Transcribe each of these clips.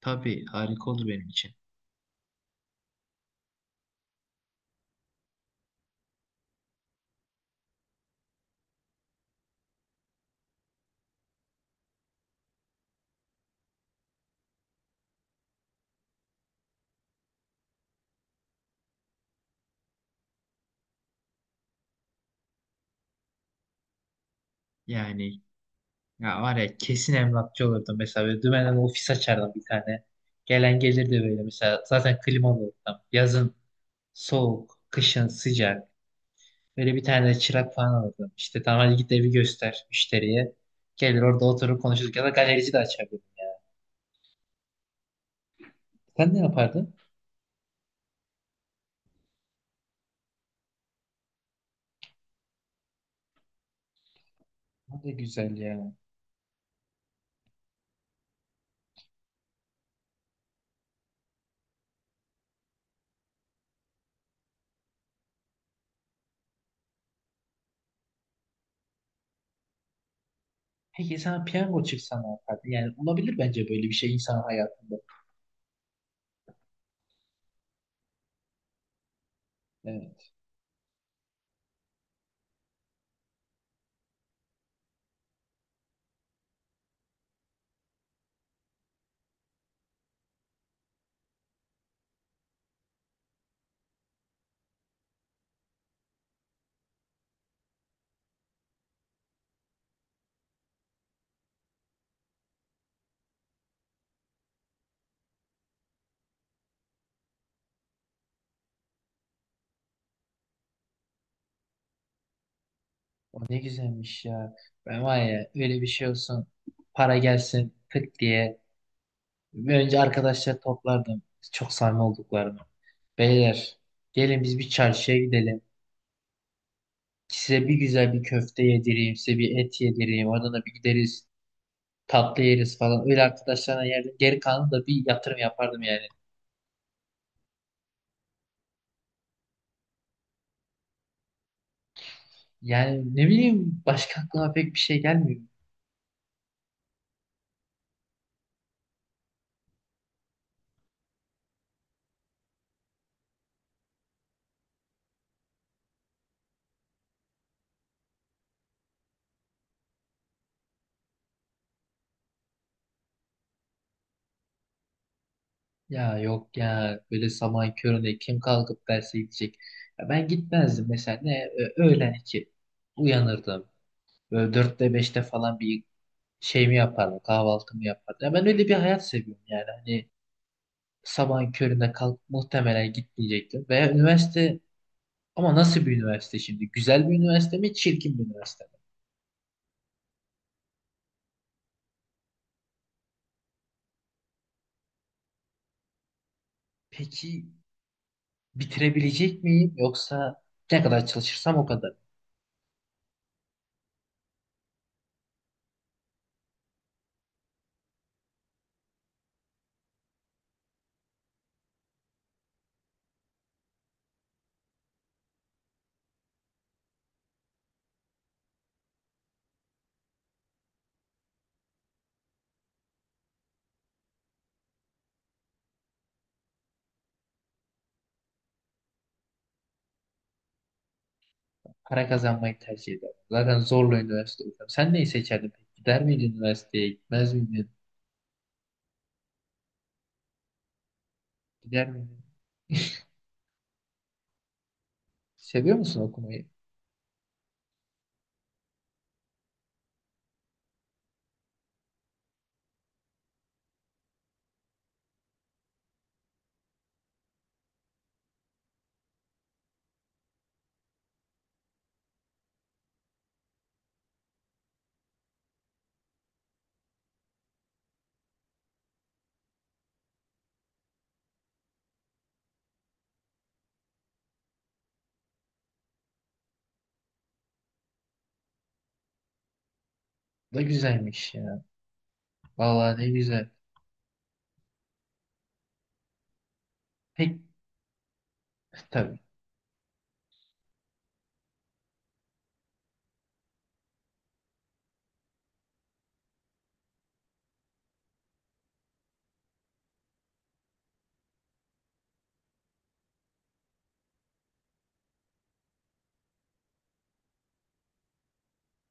Tabii harika olur benim için. Yani ya var ya kesin emlakçı olurdum mesela. Böyle dümenden ofis açardım bir tane. Gelen gelirdi böyle mesela. Zaten klimalı ortam. Yazın soğuk, kışın sıcak. Böyle bir tane de çırak falan alırdım. İşte tamam, hadi git evi göster müşteriye. Gelir orada oturup konuşuruz. Ya da galerici de açardım. Sen ne yapardın? O da güzel ya. Peki sana piyango çıksa ne yapardın? Yani olabilir bence böyle bir şey insan hayatında. O ne güzelmiş ya. Ben var ya öyle bir şey olsun. Para gelsin tık diye. Önce arkadaşlar toplardım. Çok sarma olduklarını. Beyler, gelin biz bir çarşıya gidelim. Size bir güzel bir köfte yedireyim. Size bir et yedireyim. Oradan da bir gideriz. Tatlı yeriz falan. Öyle arkadaşlarına yerdim. Geri kalanı da bir yatırım yapardım yani. Yani ne bileyim, başka aklıma pek bir şey gelmiyor. Ya yok ya, böyle sabahın köründe kim kalkıp derse gidecek? Ya ben gitmezdim mesela, ne öğlen iki uyanırdım. Böyle dörtte beşte falan bir şeyimi yapardım, kahvaltımı yapardım. Ya ben öyle bir hayat seviyorum yani, hani sabahın köründe kalk, muhtemelen gitmeyecektim. Veya üniversite, ama nasıl bir üniversite şimdi? Güzel bir üniversite mi, çirkin bir üniversite mi? Peki bitirebilecek miyim, yoksa ne kadar çalışırsam o kadar? Para kazanmayı tercih ederdim. Zaten zorla üniversite okuyorum. Sen neyi seçerdin peki? Gider miydin üniversiteye? Gitmez miydin? Gider miydin? Seviyor musun okumayı? Ne güzelmiş ya. Vallahi ne güzel. Pek tabii.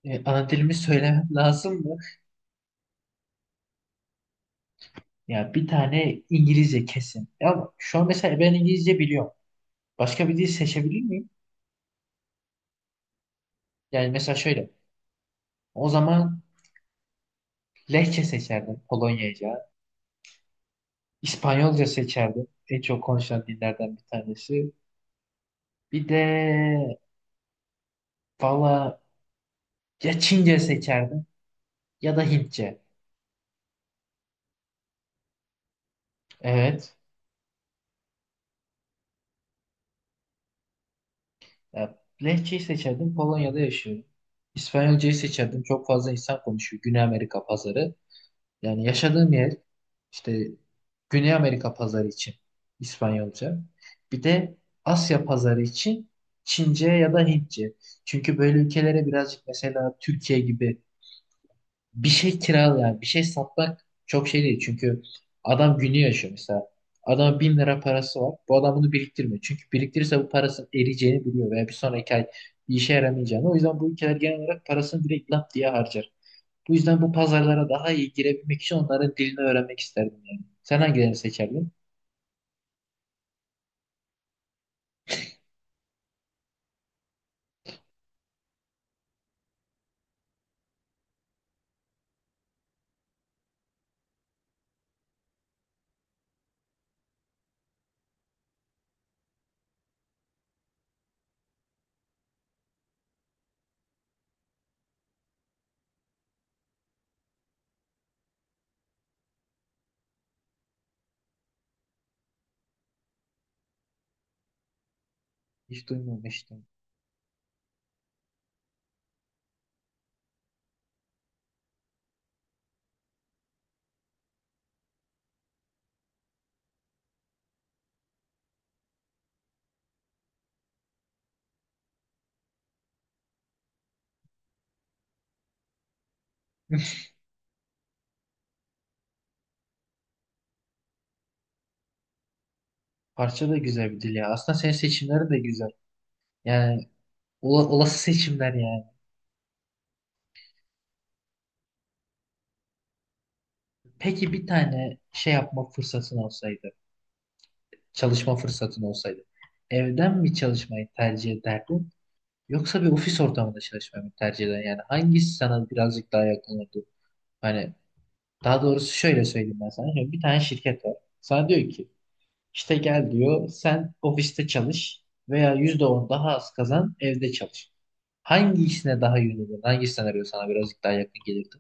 Ana dilimi söylemem lazım mı? Ya bir tane İngilizce kesin. Ya şu an mesela ben İngilizce biliyorum. Başka bir dil seçebilir miyim? Yani mesela şöyle. O zaman Lehçe seçerdim, Polonyaca. İspanyolca seçerdim. En çok konuşulan dillerden bir tanesi. Bir de, valla, ya Çince seçerdim ya da Hintçe. Evet. Ya, Lehçeyi seçerdim. Polonya'da yaşıyorum. İspanyolcayı seçerdim. Çok fazla insan konuşuyor. Güney Amerika pazarı. Yani yaşadığım yer işte, Güney Amerika pazarı için İspanyolca. Bir de Asya pazarı için Çince ya da Hintçe. Çünkü böyle ülkelere birazcık, mesela Türkiye gibi, bir şey kiralı, yani bir şey satmak çok şey değil, çünkü adam günü yaşıyor mesela. Adam 1.000 lira parası var. Bu adam bunu biriktirmiyor. Çünkü biriktirirse bu parasının eriyeceğini biliyor, veya bir sonraki ay bir işe yaramayacağını. O yüzden bu ülkeler genel olarak parasını direkt lap diye harcar. Bu yüzden bu pazarlara daha iyi girebilmek için onların dilini öğrenmek isterdim yani. Sen hangilerini seçerdin? Hiç duymamıştım. Parça da güzel bir dil ya. Aslında senin seçimlerin de güzel. Yani olası seçimler yani. Peki bir tane şey yapma fırsatın olsaydı, çalışma fırsatın olsaydı, evden mi çalışmayı tercih ederdin yoksa bir ofis ortamında çalışmayı mı tercih ederdin? Yani hangisi sana birazcık daha yakın olurdu? Hani, daha doğrusu şöyle söyleyeyim ben sana. Şimdi bir tane şirket var. Sana diyor ki, işte gel diyor sen ofiste çalış, veya %10 daha az kazan evde çalış. Hangi işine daha yönelirdin? Hangi senaryo sana birazcık daha yakın gelirdi?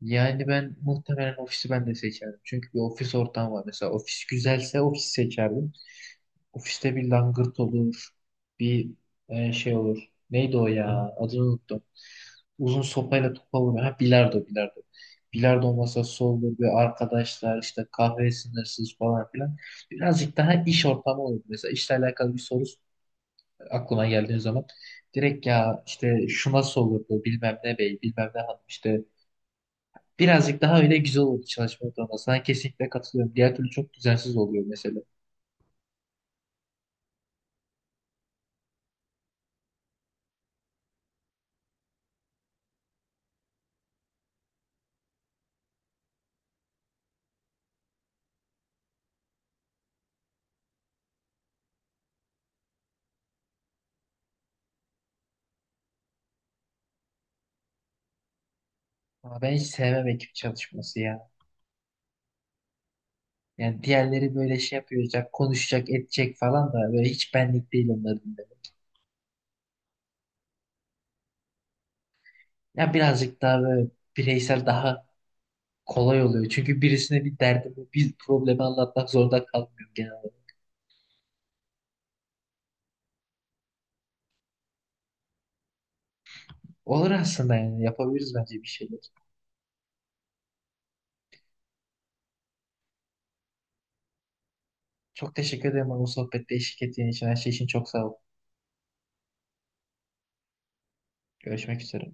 Yani ben muhtemelen ofisi ben de seçerdim. Çünkü bir ofis ortamı var. Mesela ofis güzelse ofisi seçerdim. Ofiste bir langırt olur. Bir şey olur. Neydi o ya? Adını unuttum. Uzun sopayla topa vuruyor. Ha, bilardo, bilardo. Bilardo masası olur. Ve arkadaşlar işte kahve sınırsız falan filan. Birazcık daha iş ortamı olur. Mesela işle alakalı bir soru aklıma geldiği zaman, direkt ya işte şu nasıl olurdu bilmem ne bey, bilmem ne hanım işte, birazcık daha öyle güzel olur çalışma ortamına. Sana kesinlikle katılıyorum. Diğer türlü çok düzensiz oluyor mesela. Ama ben hiç sevmem ekip çalışması ya. Yani diğerleri böyle şey yapacak, konuşacak, edecek falan da böyle hiç benlik değil onların dinlemek. Ya birazcık daha böyle bireysel daha kolay oluyor. Çünkü birisine bir derdimi, bir problemi anlatmak zorunda kalmıyorum genel olarak. Olur aslında, yani yapabiliriz bence bir şeyler. Çok teşekkür ederim bana bu sohbette eşlik ettiğin için. Her şey için çok sağ ol. Görüşmek üzere.